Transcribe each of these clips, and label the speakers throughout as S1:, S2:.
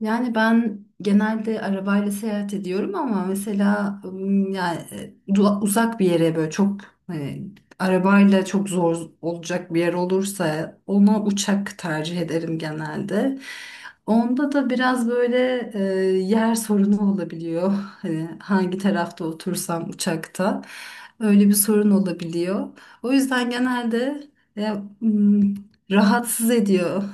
S1: Yani ben genelde arabayla seyahat ediyorum ama mesela ım, yani e, du- uzak bir yere böyle e, arabayla çok zor olacak bir yer olursa ona uçak tercih ederim genelde. Onda da biraz böyle yer sorunu olabiliyor. Hani hangi tarafta otursam uçakta öyle bir sorun olabiliyor. O yüzden genelde e, ım, rahatsız ediyor.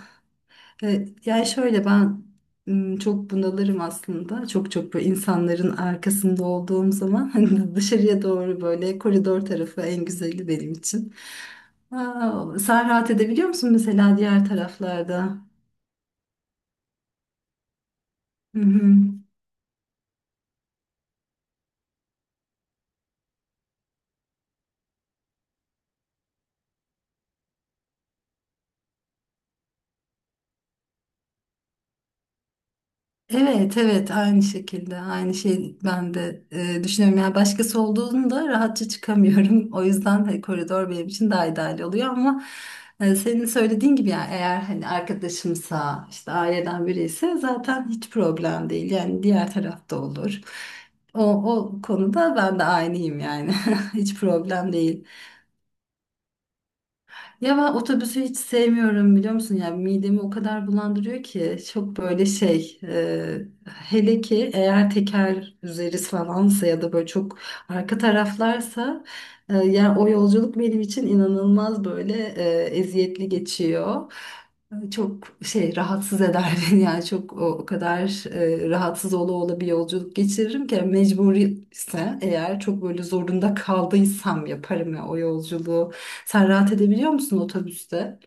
S1: Yani şöyle ben çok bunalırım aslında. Çok çok böyle insanların arkasında olduğum zaman hani dışarıya doğru böyle koridor tarafı en güzeli benim için. Aa, sen rahat edebiliyor musun mesela diğer taraflarda? Hı hı. Evet evet aynı şekilde aynı şey ben de düşünüyorum yani başkası olduğunda rahatça çıkamıyorum o yüzden hani koridor benim için daha ideal oluyor ama senin söylediğin gibi yani eğer hani arkadaşımsa işte aileden biri ise zaten hiç problem değil yani diğer tarafta olur, o, o konuda ben de aynıyım yani hiç problem değil. Ya ben otobüsü hiç sevmiyorum biliyor musun? Ya midemi o kadar bulandırıyor ki çok hele ki eğer teker üzeri falansa ya da böyle çok arka taraflarsa, yani o yolculuk benim için inanılmaz böyle eziyetli geçiyor. Çok şey rahatsız eder beni yani çok o kadar rahatsız ola ola bir yolculuk geçiririm ki yani mecbur ise eğer çok böyle zorunda kaldıysam yaparım ya o yolculuğu. Sen rahat edebiliyor musun otobüste?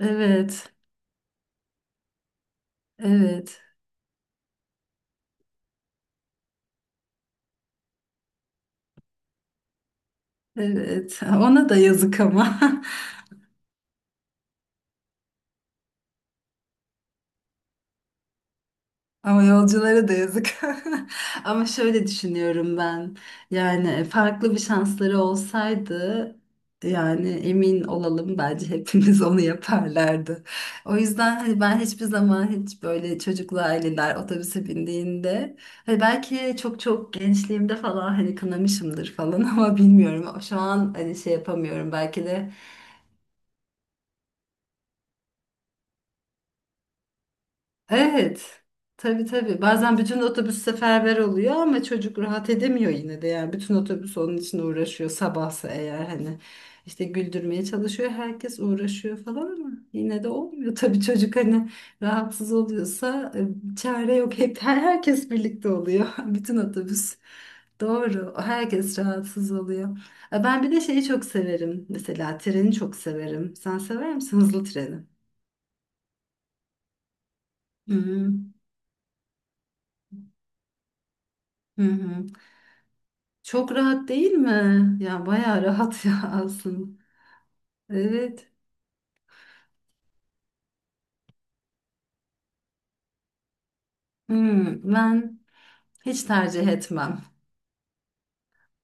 S1: Evet, evet, evet. Ona da yazık ama. Ama yolculara da yazık. Ama şöyle düşünüyorum ben. Yani farklı bir şansları olsaydı yani emin olalım bence hepimiz onu yaparlardı. O yüzden hani ben hiçbir zaman hiç böyle çocuklu aileler otobüse bindiğinde hani belki çok çok gençliğimde falan hani kınamışımdır falan ama bilmiyorum. Şu an hani şey yapamıyorum belki de. Evet. Tabii tabii. Bazen bütün otobüs seferber oluyor ama çocuk rahat edemiyor yine de. Yani bütün otobüs onun için uğraşıyor sabahsa eğer hani işte güldürmeye çalışıyor. Herkes uğraşıyor falan ama yine de olmuyor. Tabii çocuk hani rahatsız oluyorsa çare yok. Hep herkes birlikte oluyor. Bütün otobüs. Doğru. Herkes rahatsız oluyor. Ben bir de şeyi çok severim. Mesela treni çok severim. Sen sever misin hızlı treni? Hı hı. Hı hı. Çok rahat değil mi? Ya bayağı rahat ya aslında. Evet. Hmm, ben hiç tercih etmem.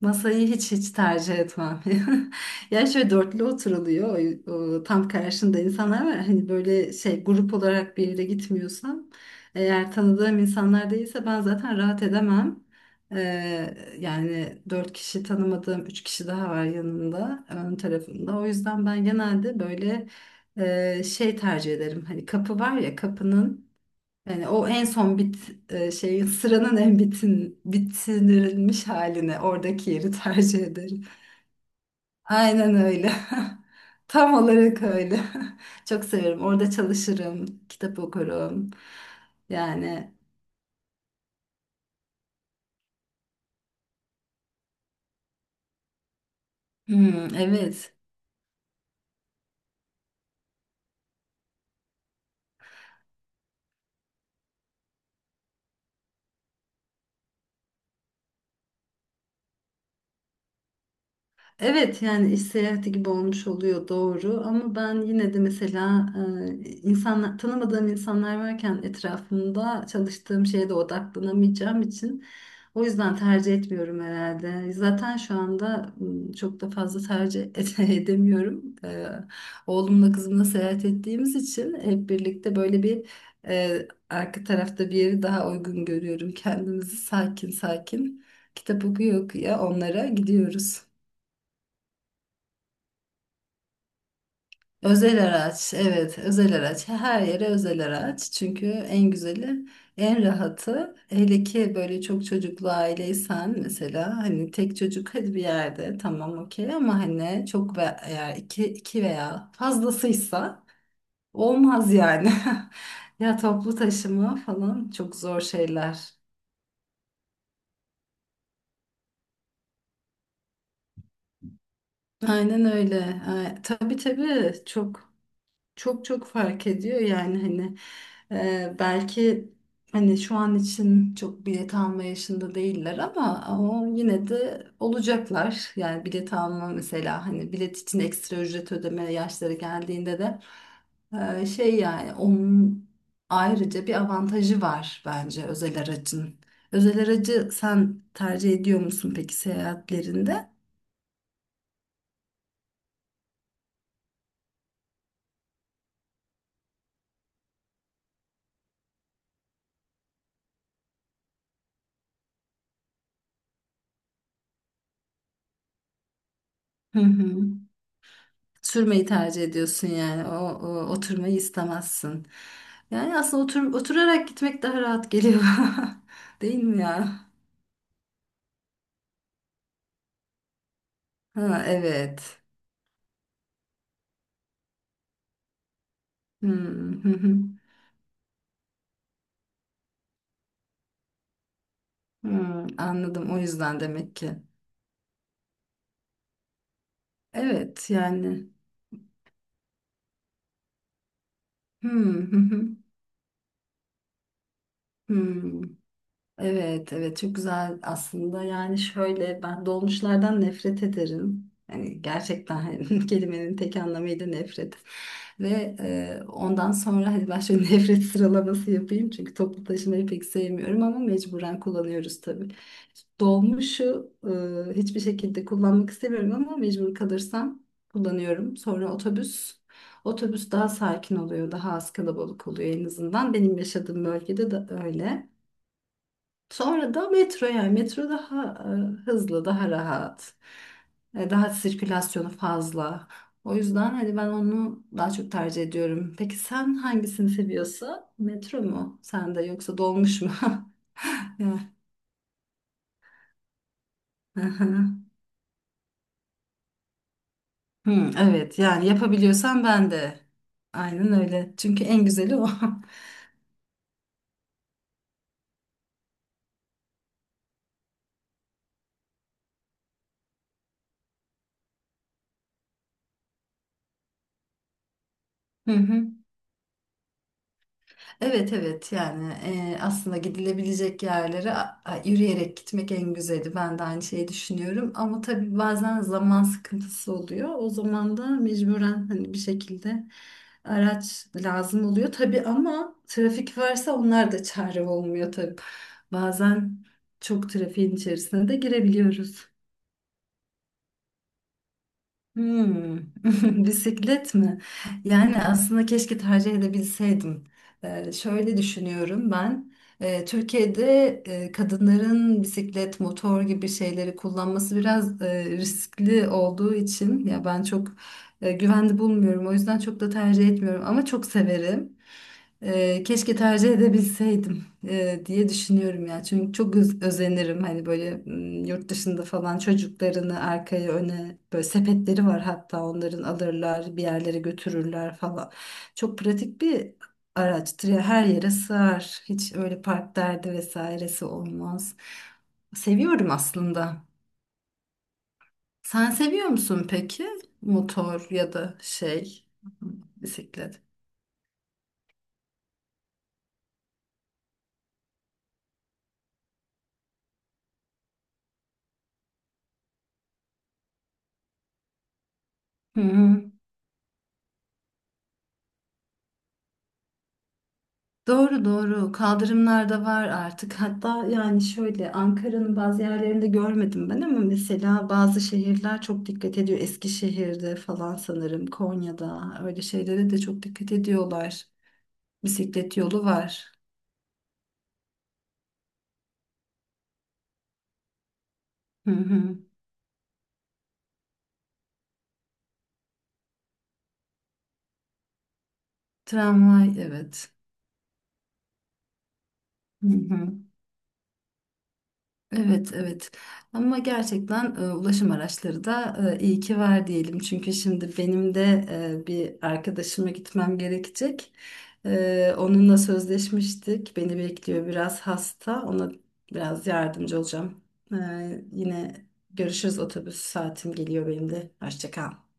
S1: Masayı hiç hiç tercih etmem. Ya şöyle dörtlü oturuluyor. O tam karşında insanlar var. Hani böyle şey grup olarak bir yere gitmiyorsam eğer tanıdığım insanlar değilse ben zaten rahat edemem. Ee, Yani dört kişi tanımadığım üç kişi daha var yanımda ön tarafımda. O yüzden ben genelde böyle şey tercih ederim. Hani kapı var ya kapının yani o en son şeyin sıranın en bitirilmiş halini oradaki yeri tercih ederim. Aynen öyle. Tam olarak öyle. Çok severim. Orada çalışırım, kitap okurum. Yani hmm, evet. Evet yani iş seyahati gibi olmuş oluyor doğru ama ben yine de mesela e, insanlar tanımadığım insanlar varken etrafımda çalıştığım şeye de odaklanamayacağım için o yüzden tercih etmiyorum herhalde. Zaten şu anda çok da fazla tercih edemiyorum. Oğlumla kızımla seyahat ettiğimiz için hep birlikte böyle bir arka tarafta bir yeri daha uygun görüyorum. Kendimizi sakin sakin kitap okuya okuya onlara gidiyoruz. Özel araç, evet, özel araç. Her yere özel araç. Çünkü en güzeli, en rahatı. Hele ki böyle çok çocuklu aileysen mesela hani tek çocuk hadi bir yerde tamam okey ama hani çok ve eğer iki, iki veya fazlasıysa olmaz yani. Ya toplu taşıma falan çok zor şeyler. Aynen öyle. Ay, tabii tabii çok. Çok çok fark ediyor yani hani belki hani şu an için çok bilet alma yaşında değiller ama ama yine de olacaklar. Yani bilet alma mesela hani bilet için ekstra ücret ödeme yaşları geldiğinde de şey yani onun ayrıca bir avantajı var bence özel aracın. Özel aracı sen tercih ediyor musun peki seyahatlerinde? Hı hı. Sürmeyi tercih ediyorsun yani. O oturmayı istemezsin. Yani aslında oturarak gitmek daha rahat geliyor. Değil mi ya? Ha, evet. Hmm, hı hı. Hmm, anladım. O yüzden demek ki. Evet yani. Hmm, hı hı. Hmm, evet evet çok güzel aslında yani şöyle ben dolmuşlardan nefret ederim yani gerçekten hani kelimenin tek anlamıyla nefret ve ondan sonra hadi ben şöyle nefret sıralaması yapayım çünkü toplu taşımayı pek sevmiyorum ama mecburen kullanıyoruz tabii, dolmuşu hiçbir şekilde kullanmak istemiyorum ama mecbur kalırsam kullanıyorum, sonra otobüs. Otobüs daha sakin oluyor, daha az kalabalık oluyor en azından. Benim yaşadığım bölgede de öyle. Sonra da metro, yani metro daha hızlı, daha rahat. Daha sirkülasyonu fazla. O yüzden hani ben onu daha çok tercih ediyorum. Peki sen hangisini seviyorsun? Metro mu sende yoksa dolmuş mu? Evet. Aha. Hmm, evet yani yapabiliyorsan ben de. Aynen öyle. Çünkü en güzeli o. Hı hı. Evet evet yani aslında gidilebilecek yerlere yürüyerek gitmek en güzeli. Ben de aynı şeyi düşünüyorum ama tabii bazen zaman sıkıntısı oluyor. O zaman da mecburen hani bir şekilde araç lazım oluyor tabii ama trafik varsa onlar da çare olmuyor tabii. Bazen çok trafiğin içerisine de girebiliyoruz. Hmm, bisiklet mi? Yani aslında keşke tercih edebilseydim. Şöyle düşünüyorum ben. Türkiye'de kadınların bisiklet, motor gibi şeyleri kullanması biraz riskli olduğu için ya ben çok güvenli bulmuyorum. O yüzden çok da tercih etmiyorum ama çok severim. Keşke tercih edebilseydim diye düşünüyorum ya. Çünkü çok özenirim hani böyle yurt dışında falan çocuklarını arkaya öne böyle sepetleri var hatta onların alırlar bir yerlere götürürler falan. Çok pratik bir araçtır ya her yere sığar. Hiç öyle park derdi vesairesi olmaz. Seviyorum aslında. Sen seviyor musun peki motor ya da şey, bisiklet? Hı hı. Doğru doğru kaldırımlar da var artık hatta yani şöyle Ankara'nın bazı yerlerinde görmedim ben ama mesela bazı şehirler çok dikkat ediyor, Eskişehir'de falan sanırım Konya'da öyle şeylere de çok dikkat ediyorlar, bisiklet yolu var. Hı hı. Tramvay, evet. Hı hı. Evet, evet. Ama gerçekten ulaşım araçları da iyi ki var diyelim. Çünkü şimdi benim de bir arkadaşıma gitmem gerekecek. Onunla sözleşmiştik. Beni bekliyor, biraz hasta. Ona biraz yardımcı olacağım. E, Yine görüşürüz, otobüs saatim geliyor benim de. Hoşça kal.